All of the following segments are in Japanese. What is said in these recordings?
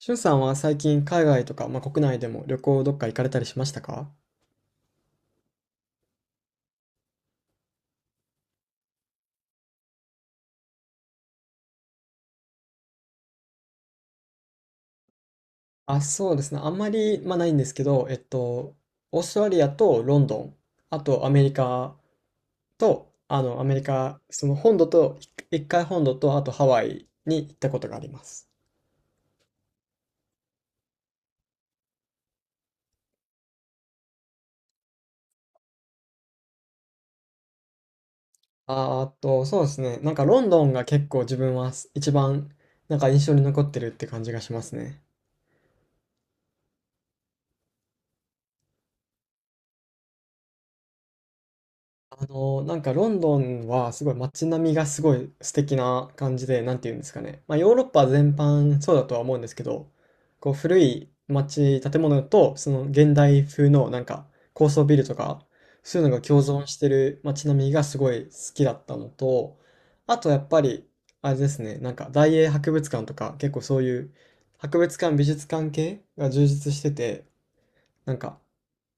しゅんさんは最近海外とか、まあ、国内でも旅行どっか行かれたりしましたか？あ、そうですね。あんまり、まあ、ないんですけど、オーストラリアとロンドン、あとアメリカと、アメリカ、その本土と、一回本土と、あとハワイに行ったことがあります。あーっと、そうですね。なんかロンドンが結構自分は一番なんか印象に残ってるって感じがしますね。あの、なんかロンドンはすごい街並みがすごい素敵な感じで、なんて言うんですかね。まあヨーロッパ全般そうだとは思うんですけど、こう古い街、建物とその現代風のなんか高層ビルとか、そういうのが共存してる街並みがすごい好きだったのと、あとやっぱり、あれですね、なんか大英博物館とか結構そういう博物館、美術館系が充実してて、なんか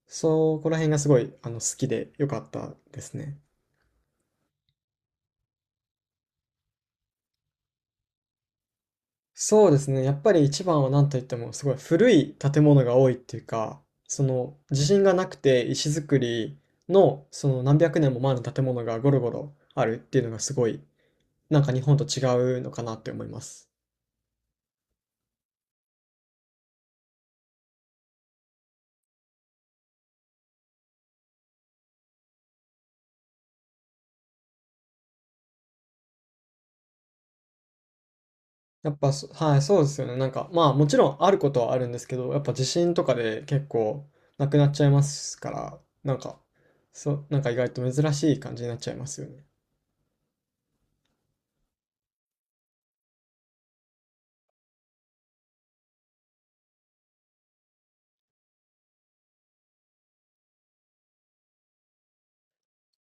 そこら辺がすごい好きでよかったですね。そうですね。やっぱり一番は何と言ってもすごい古い建物が多いっていうか、その地震がなくて石造りのその何百年も前の建物がゴロゴロあるっていうのがすごいなんか日本と違うのかなって思います。やっぱそ、はい、そうですよね。なんかまあもちろんあることはあるんですけど、やっぱ地震とかで結構なくなっちゃいますから、なんか、そう、なんか意外と珍しい感じになっちゃいますよね。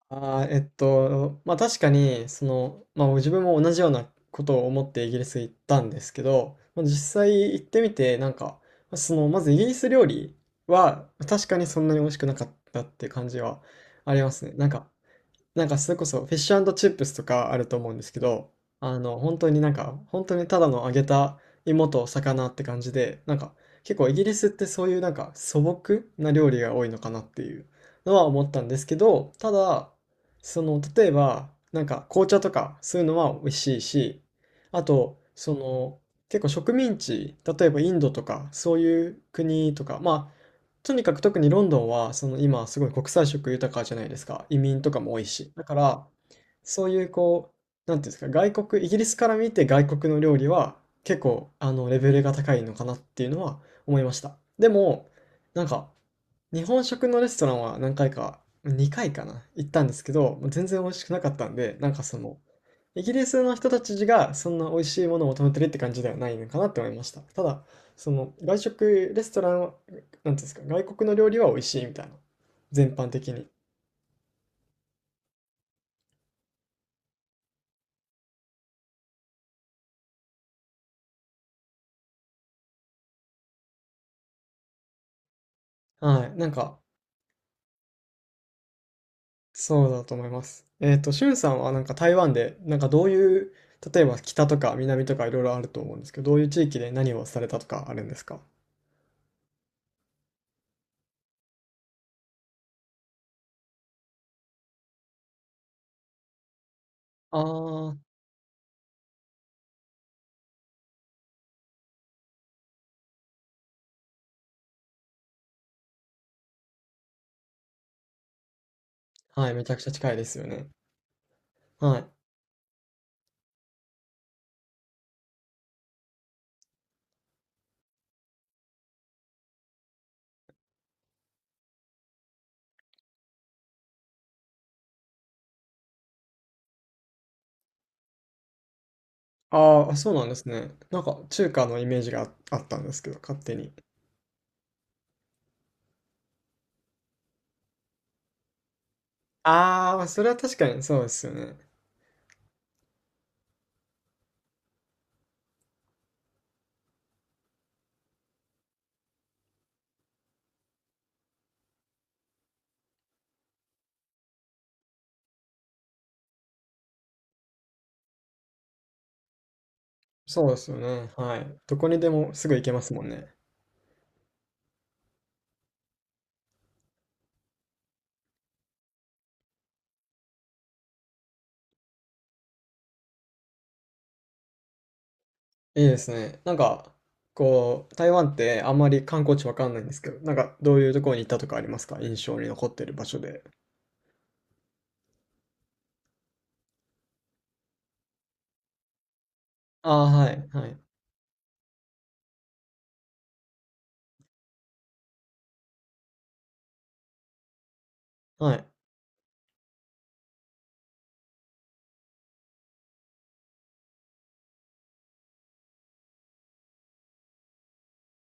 ああ、まあ確かに、その、まあ自分も同じようなことを思ってイギリス行ったんですけど、まあ、実際行ってみて、なんか、その、まずイギリス料理は確かにそんなに美味しくなかったっていう感じはありますね。なんかそれこそフィッシュチップスとかあると思うんですけど、あの、本当になんか、本当にただの揚げた芋と魚って感じで、なんか結構イギリスってそういうなんか素朴な料理が多いのかなっていうのは思ったんですけど、ただ、その、例えば、なんか紅茶とかそういうのは美味しいし、あと、その、結構植民地、例えばインドとかそういう国とか、まあとにかく特にロンドンはその今すごい国際色豊かじゃないですか。移民とかも多いし。だから、そういうこう、なんていうんですか、イギリスから見て外国の料理は結構レベルが高いのかなっていうのは思いました。でも、なんか日本食のレストランは何回か、2回かな、行ったんですけど、もう全然美味しくなかったんで、なんかその、イギリスの人たちがそんな美味しいものを求めてるって感じではないのかなって思いました。ただ、その外食、レストランは、なんていうんですか、外国の料理は美味しいみたいな。全般的に。はい。なんか、そうだと思います。しゅんさんはなんか台湾で、なんかどういう、例えば北とか南とかいろいろあると思うんですけど、どういう地域で何をされたとかあるんですか？ああ、はい、めちゃくちゃ近いですよね。はい。ああ、そうなんですね。なんか中華のイメージがあったんですけど、勝手に。ああ、それは確かにそうですよね。そうですよね。はい。どこにでもすぐ行けますもんね。いいですね。なんか、こう、台湾ってあんまり観光地わかんないんですけど、なんかどういうところに行ったとかありますか？印象に残ってる場所で。ああ、はい、はい、はい。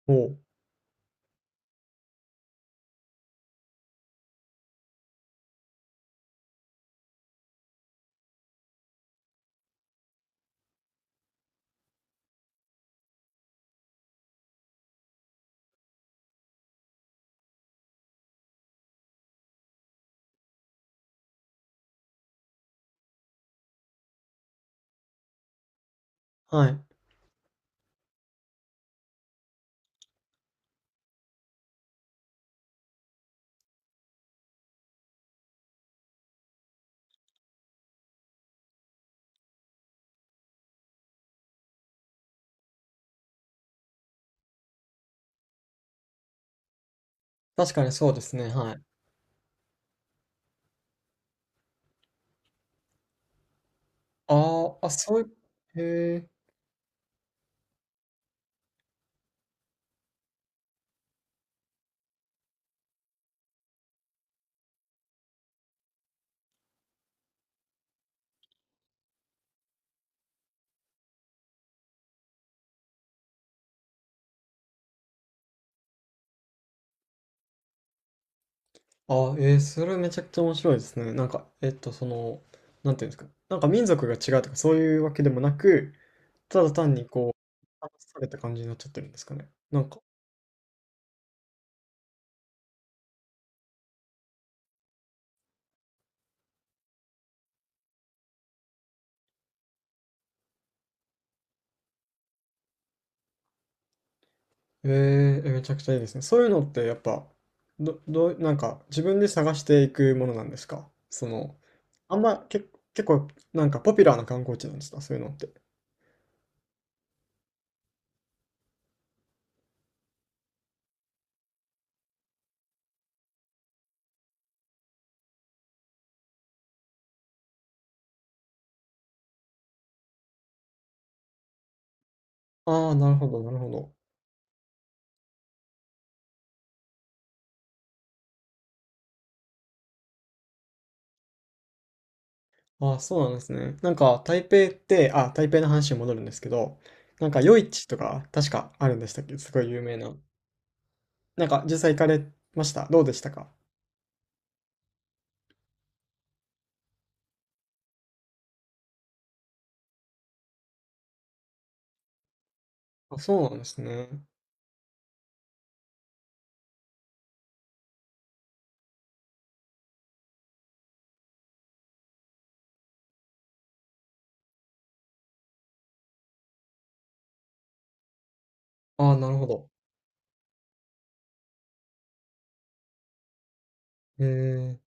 おうはい。確かにそうですね、はい。ああ、あ、そういう、へえ、それめちゃくちゃ面白いですね。なんか、その、なんていうんですか、なんか民族が違うとかそういうわけでもなく、ただ単にこう、話された感じになっちゃってるんですかね。なんか、えーえ、めちゃくちゃいいですね。そういうのってやっぱ、どう、なんか自分で探していくものなんですかその、あんま、け、結構なんかポピュラーな観光地なんですかそういうのって。ああ、なるほど、なるほど。ああ、そうなんですね。なんか、台北って、あ、台北の話に戻るんですけど、なんか、夜市とか、確かあるんでしたっけ、すごい有名な。なんか、実際行かれました、どうでしたか？あ、そうなんですね。ああ、なるほど。ええ、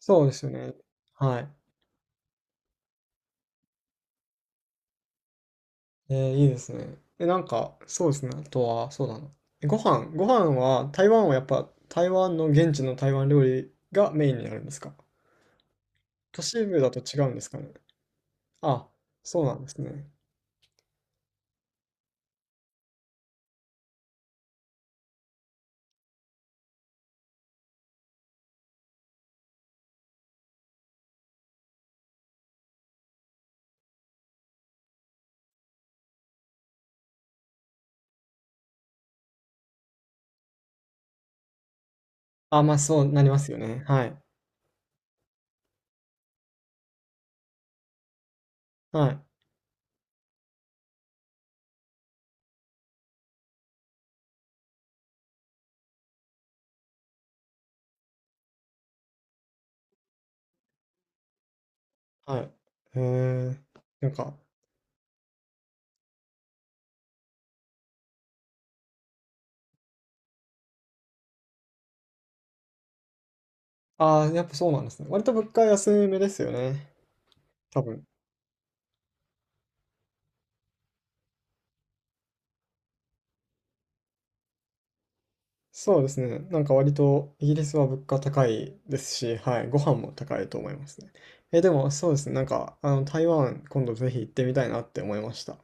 そうですよね。はい。えー、いいですね。え、なんか、そうですね。あとは、そうだな。えご飯、ご飯は、台湾はやっぱ、台湾の現地の台湾料理がメインになるんですか？都市部だと違うんですかね。あ、そうなんですね。あ、まあ、そうなりますよね。はい。はい。はい。へえ、なんか、ああ、やっぱそうなんですね。割と物価安めですよね。多分。そうですね。なんか割とイギリスは物価高いですし、はい、ご飯も高いと思いますね。え、でもそうですね。なんか、あの、台湾今度ぜひ行ってみたいなって思いました。